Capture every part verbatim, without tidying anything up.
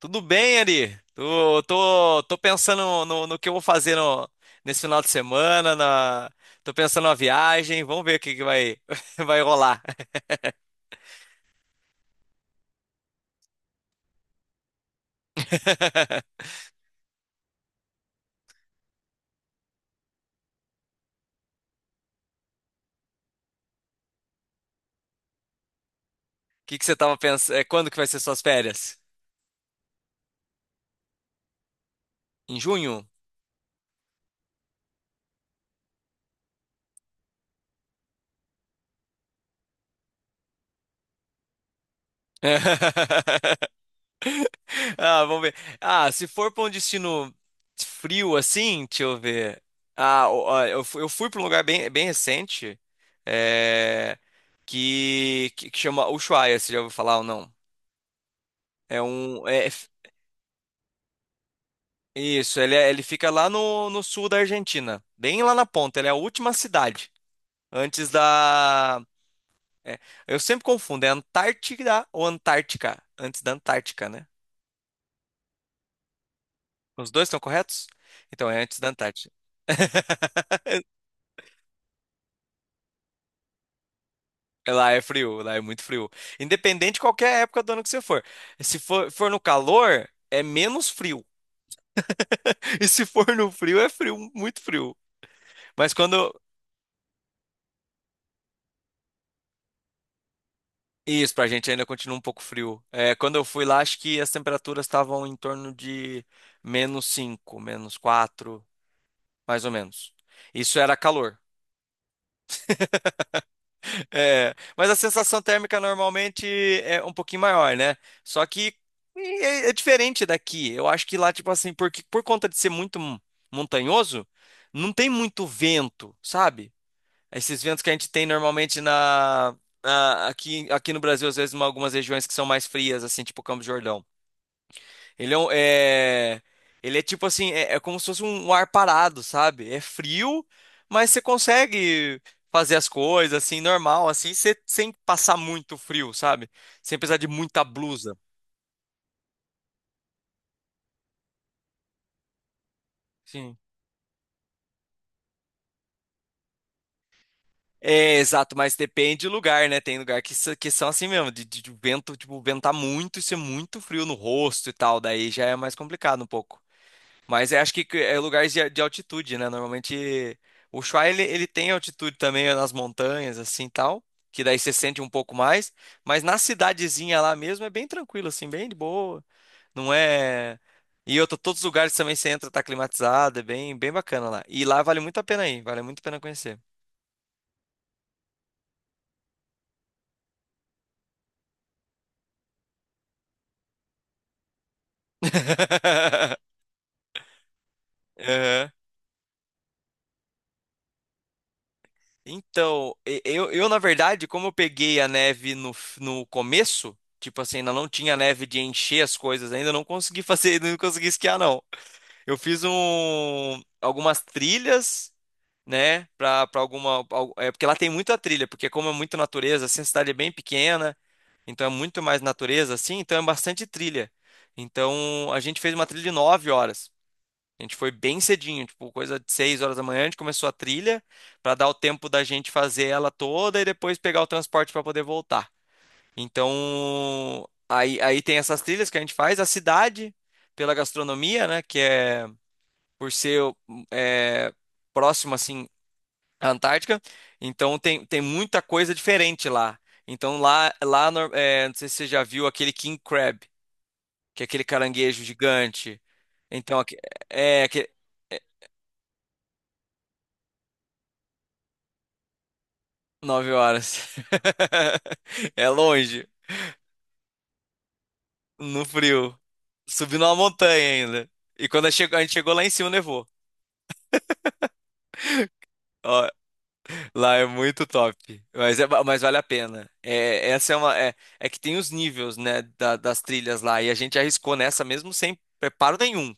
Tudo bem, Ari? Tô, tô, tô pensando no, no que eu vou fazer no- nesse final de semana. Na, tô pensando na viagem. Vamos ver o que, que vai, vai rolar. O que, que você tava pensando? Quando que vai ser suas férias? Em junho? Ah, vamos ver. Ah, se for para um destino frio assim, deixa eu ver. Ah, o- ah, eu, fui, eu fui para um lugar bem, bem recente, é, que, que que chama Ushuaia. Você já ouviu falar ou não? É um. É, isso, ele, é- ele fica lá no, no sul da Argentina, bem lá na ponta. Ele é a última cidade. Antes da. é, eu sempre confundo, é Antártida ou Antártica? Antes da Antártica, né? Os dois estão corretos? Então é antes da Antártica. Lá é frio, lá é muito frio. Independente de qualquer época do ano que você for. Se for, for no calor, é menos frio. E se for no frio, é frio, muito frio. Mas quando. Isso, pra gente ainda continua um pouco frio. É, quando eu fui lá, acho que as temperaturas estavam em torno de menos cinco, menos quatro, mais ou menos. Isso era calor. É, mas a sensação térmica normalmente é um pouquinho maior, né? Só que é, é diferente daqui. Eu acho que lá, tipo assim, porque por conta de ser muito mon- montanhoso, não tem muito vento, sabe? Esses ventos que a gente tem normalmente na, na- aqui, aqui no Brasil, às vezes, em algumas regiões que são mais frias, assim, tipo Campos do Jordão. Ele é, um- é- ele é tipo assim, é, é como se fosse um, um ar parado, sabe? É frio, mas você consegue fazer as coisas assim, normal, assim, se- sem passar muito frio, sabe? Sem precisar de muita blusa. Sim. É, exato, mas depende do lugar, né? Tem lugar que, s- que são assim mesmo, de, de de vento, tipo, ventar muito e ser muito frio no rosto e tal, daí já é mais complicado um pouco. Mas é, acho que é lugares de, de altitude, né? Normalmente o Ushuaia ele, ele tem altitude também nas montanhas, assim tal, que daí você sente um pouco mais. Mas na cidadezinha lá mesmo é bem tranquilo, assim, bem de boa. Não é. E eu tô, todos os lugares também você entra, tá climatizado, é bem, bem bacana lá. E lá vale muito a pena ir, vale muito a pena conhecer. Aham. Então, e- eu, eu, na verdade, como eu peguei a neve no, f- no começo, tipo assim, ainda não tinha neve de encher as coisas, ainda não consegui fazer, não consegui esquiar, não. Eu fiz um, algumas trilhas, né, pra, pra alguma, al- é porque lá tem muita trilha, porque como é muita natureza, assim, a cidade é bem pequena, então é muito mais natureza, assim, então é bastante trilha. Então, a gente fez uma trilha de nove horas. A gente foi bem cedinho, tipo, coisa de seis horas da manhã, a gente começou a trilha para dar o tempo da gente fazer ela toda e depois pegar o transporte para poder voltar. Então, aí, aí tem essas trilhas que a gente faz, a cidade, pela gastronomia, né, que é por ser é, próximo assim à Antártica, então tem, tem muita coisa diferente lá. Então lá, lá no- é, não sei se você já viu aquele king crab, que é aquele caranguejo gigante. Então, aque- é, Nove horas. É longe, no frio. Subindo uma montanha ainda. E quando a chegou- a gente chegou lá em cima, nevou. Ó, lá é muito top. Mas, é, ba- mas vale a pena. É, essa é uma. É, é que tem os níveis, né, da- das trilhas lá. E a gente arriscou nessa mesmo sem preparo nenhum.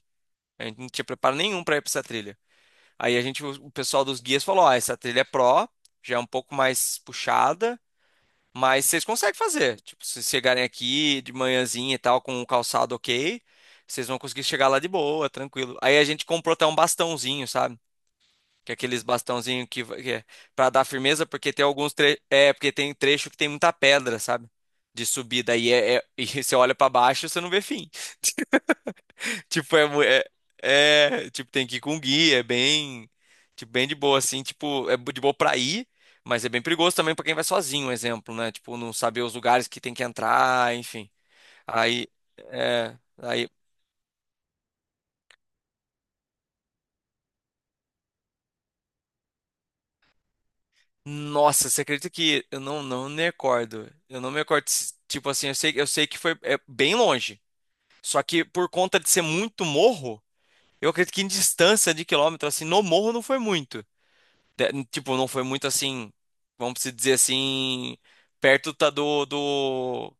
A gente não tinha preparo nenhum para ir pra essa trilha. Aí a gente, o o pessoal dos guias falou: ó, essa trilha é pró, já é um pouco mais puxada. Mas vocês conseguem fazer. Tipo, se chegarem aqui de manhãzinha e tal, com o calçado ok, vocês vão conseguir chegar lá de boa, tranquilo. Aí a gente comprou até um bastãozinho, sabe? Que é aqueles bastãozinho que, va- que é pra dar firmeza, porque tem alguns tre é, porque tem trecho que tem muita pedra, sabe? De subida. Aí é, é- e você olha pra baixo, você não vê fim. Tipo, é, é, é, tipo, tem que ir com guia, é bem, tipo, bem de boa, assim, tipo, é de boa pra ir, mas é bem perigoso também pra quem vai sozinho, um exemplo, né? Tipo, não saber os lugares que tem que entrar, enfim. Aí, é, aí, Nossa, você acredita que eu não, não me recordo, eu não me recordo, se- tipo assim, eu sei, eu sei que foi é, bem longe, só que por conta de ser muito morro, eu acredito que em distância de quilômetro, assim, no morro não foi muito. De- Tipo, não foi muito assim, vamos se dizer assim, perto tá do, do,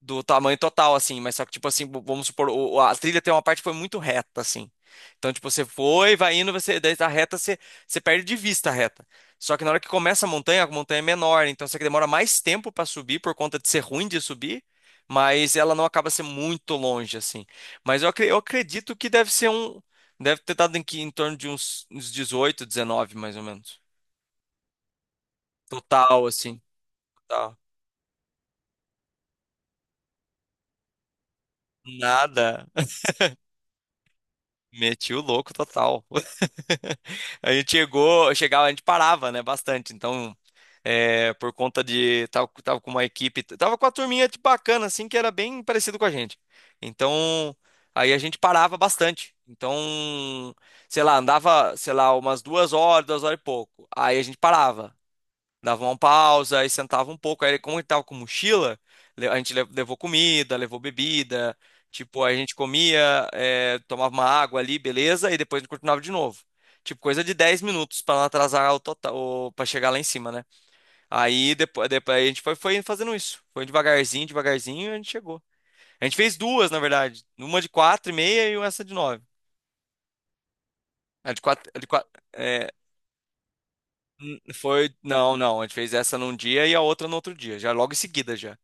do tamanho total, assim, mas só que, tipo assim, v- vamos supor, o- a trilha tem uma parte que foi muito reta, assim. Então, tipo, você foi, vai indo, você, daí a reta, você, você perde de vista a reta. Só que na hora que começa a montanha, a montanha é menor, então você demora mais tempo pra subir por conta de ser ruim de subir, mas ela não acaba sendo muito longe, assim. Mas eu, acre- eu acredito que deve ser um. Deve ter dado em, que- em torno de uns uns dezoito dezenove mais ou menos. Total, assim, total. Nada. Meti o louco total. A gente chegou, chegava, a gente parava, né, bastante. Então, é, por conta de. Tava, tava com uma equipe, tava com a turminha de bacana, assim, que era bem parecido com a gente. Então, aí a gente parava bastante. Então, sei lá, andava, sei lá, umas duas horas, duas horas e pouco. Aí a gente parava. Dava uma pausa, aí sentava um pouco. Aí, como ele tava com mochila, le- a gente le- levou comida, levou bebida. Tipo, a gente comia, é, tomava uma água ali, beleza, e depois a gente continuava de novo. Tipo, coisa de dez minutos pra não atrasar o total, para chegar lá em cima, né? Aí depois, depois a gente foi, foi fazendo isso. Foi devagarzinho, devagarzinho, e a gente chegou. A gente fez duas, na verdade. Uma de quatro e meia e essa de nove. A de quatro, a de quatro, é, n- foi, não, não. A gente fez essa num dia e a outra no outro dia, já logo em seguida já.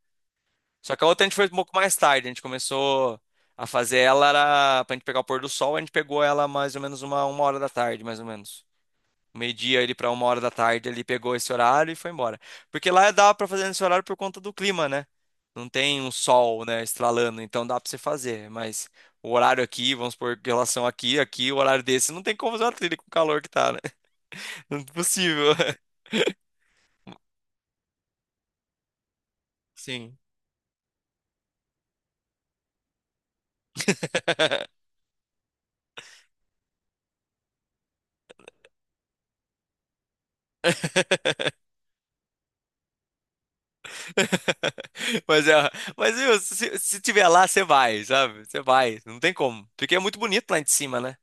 Só que a outra a gente foi um pouco mais tarde. A gente começou a fazer ela, era pra gente pegar o pôr do sol, a gente pegou ela mais ou menos uma, uma hora da tarde, mais ou menos. Meio-dia ali pra uma hora da tarde, ele pegou esse horário e foi embora. Porque lá dá pra fazer nesse horário por conta do clima, né? Não tem um sol, né, estralando, então dá pra você fazer. Mas o horário aqui, vamos por relação aqui, aqui, o horário desse, não tem como fazer uma trilha com o calor que tá, né? Não é possível. Sim. Mas, é, mas viu, se, se tiver lá, você vai, sabe? Você vai, não tem como. Porque é muito bonito lá de cima, né?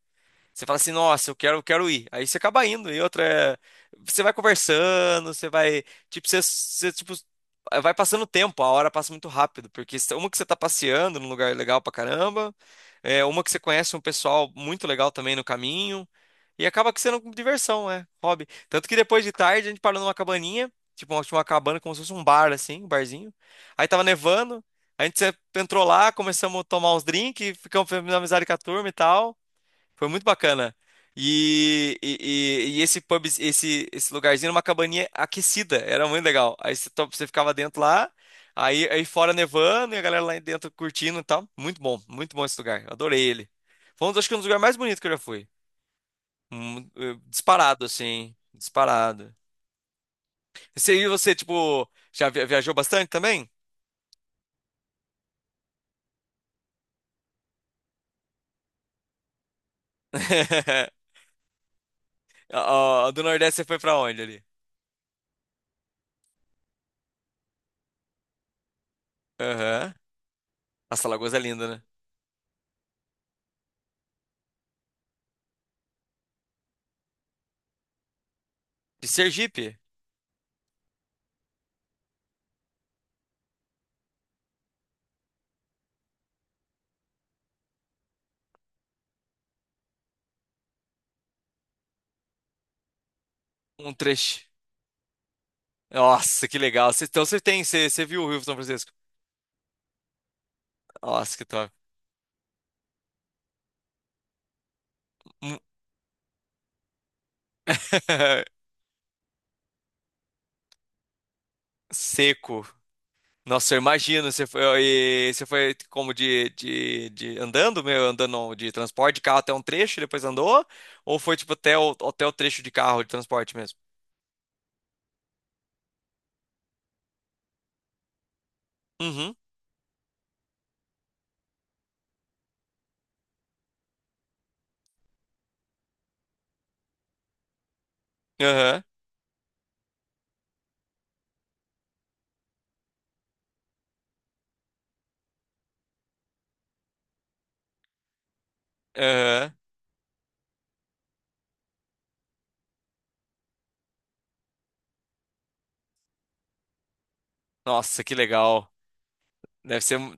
Você fala assim, nossa, eu quero, eu quero ir. Aí você acaba indo. E outra é, você vai conversando, você vai, tipo, você, você, tipo, vai passando o tempo, a hora passa muito rápido, porque se- uma que você tá passeando num lugar legal pra caramba, é uma que você conhece um pessoal muito legal também no caminho, e acaba que sendo diversão, é, hobby. Tanto que depois de tarde a gente parou numa cabaninha, tipo, uma, uma cabana como se fosse um bar assim, um barzinho. Aí tava nevando, a gente se- entrou lá, começamos a tomar uns drinks, ficamos fazendo amizade com a turma e tal. Foi muito bacana. E, e, e- e esse pub, esse, esse lugarzinho era uma cabaninha aquecida, era muito legal. Aí você, to- você ficava dentro lá, aí, aí fora nevando e a galera lá dentro curtindo e tal. Muito bom, muito bom esse lugar. Adorei ele. Foi um dos, acho que um dos lugares mais bonitos que eu já fui. Hum, eh, Disparado, assim. Disparado. Você, e você, tipo, já via- viajou bastante também? Ó, do Nordeste você foi pra onde ali? Aham. Nossa, Alagoas é linda, né? De Sergipe, um trecho. Nossa, que legal. Cê- Então você tem, você viu o Rio São Francisco? Nossa, que top. Seco. Nossa, eu imagino. Você foi, e você foi como de, de, de andando, meu, andando não, de transporte de carro até um trecho, e depois andou? Ou foi tipo até o, até o trecho de carro de transporte mesmo? Uhum. Aham. Aham. Nossa, que legal. Deve ser. mu-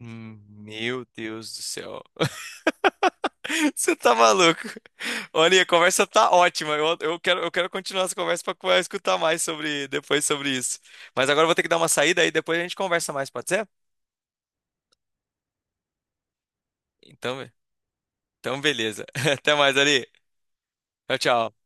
Hum, Meu Deus do céu. Você tá maluco? Olha, a conversa tá ótima. Eu, eu quero, eu quero continuar essa conversa para escutar mais sobre depois sobre isso. Mas agora eu vou ter que dar uma saída aí depois a gente conversa mais, pode ser? Então, então beleza. Até mais, Ari. Tchau, tchau.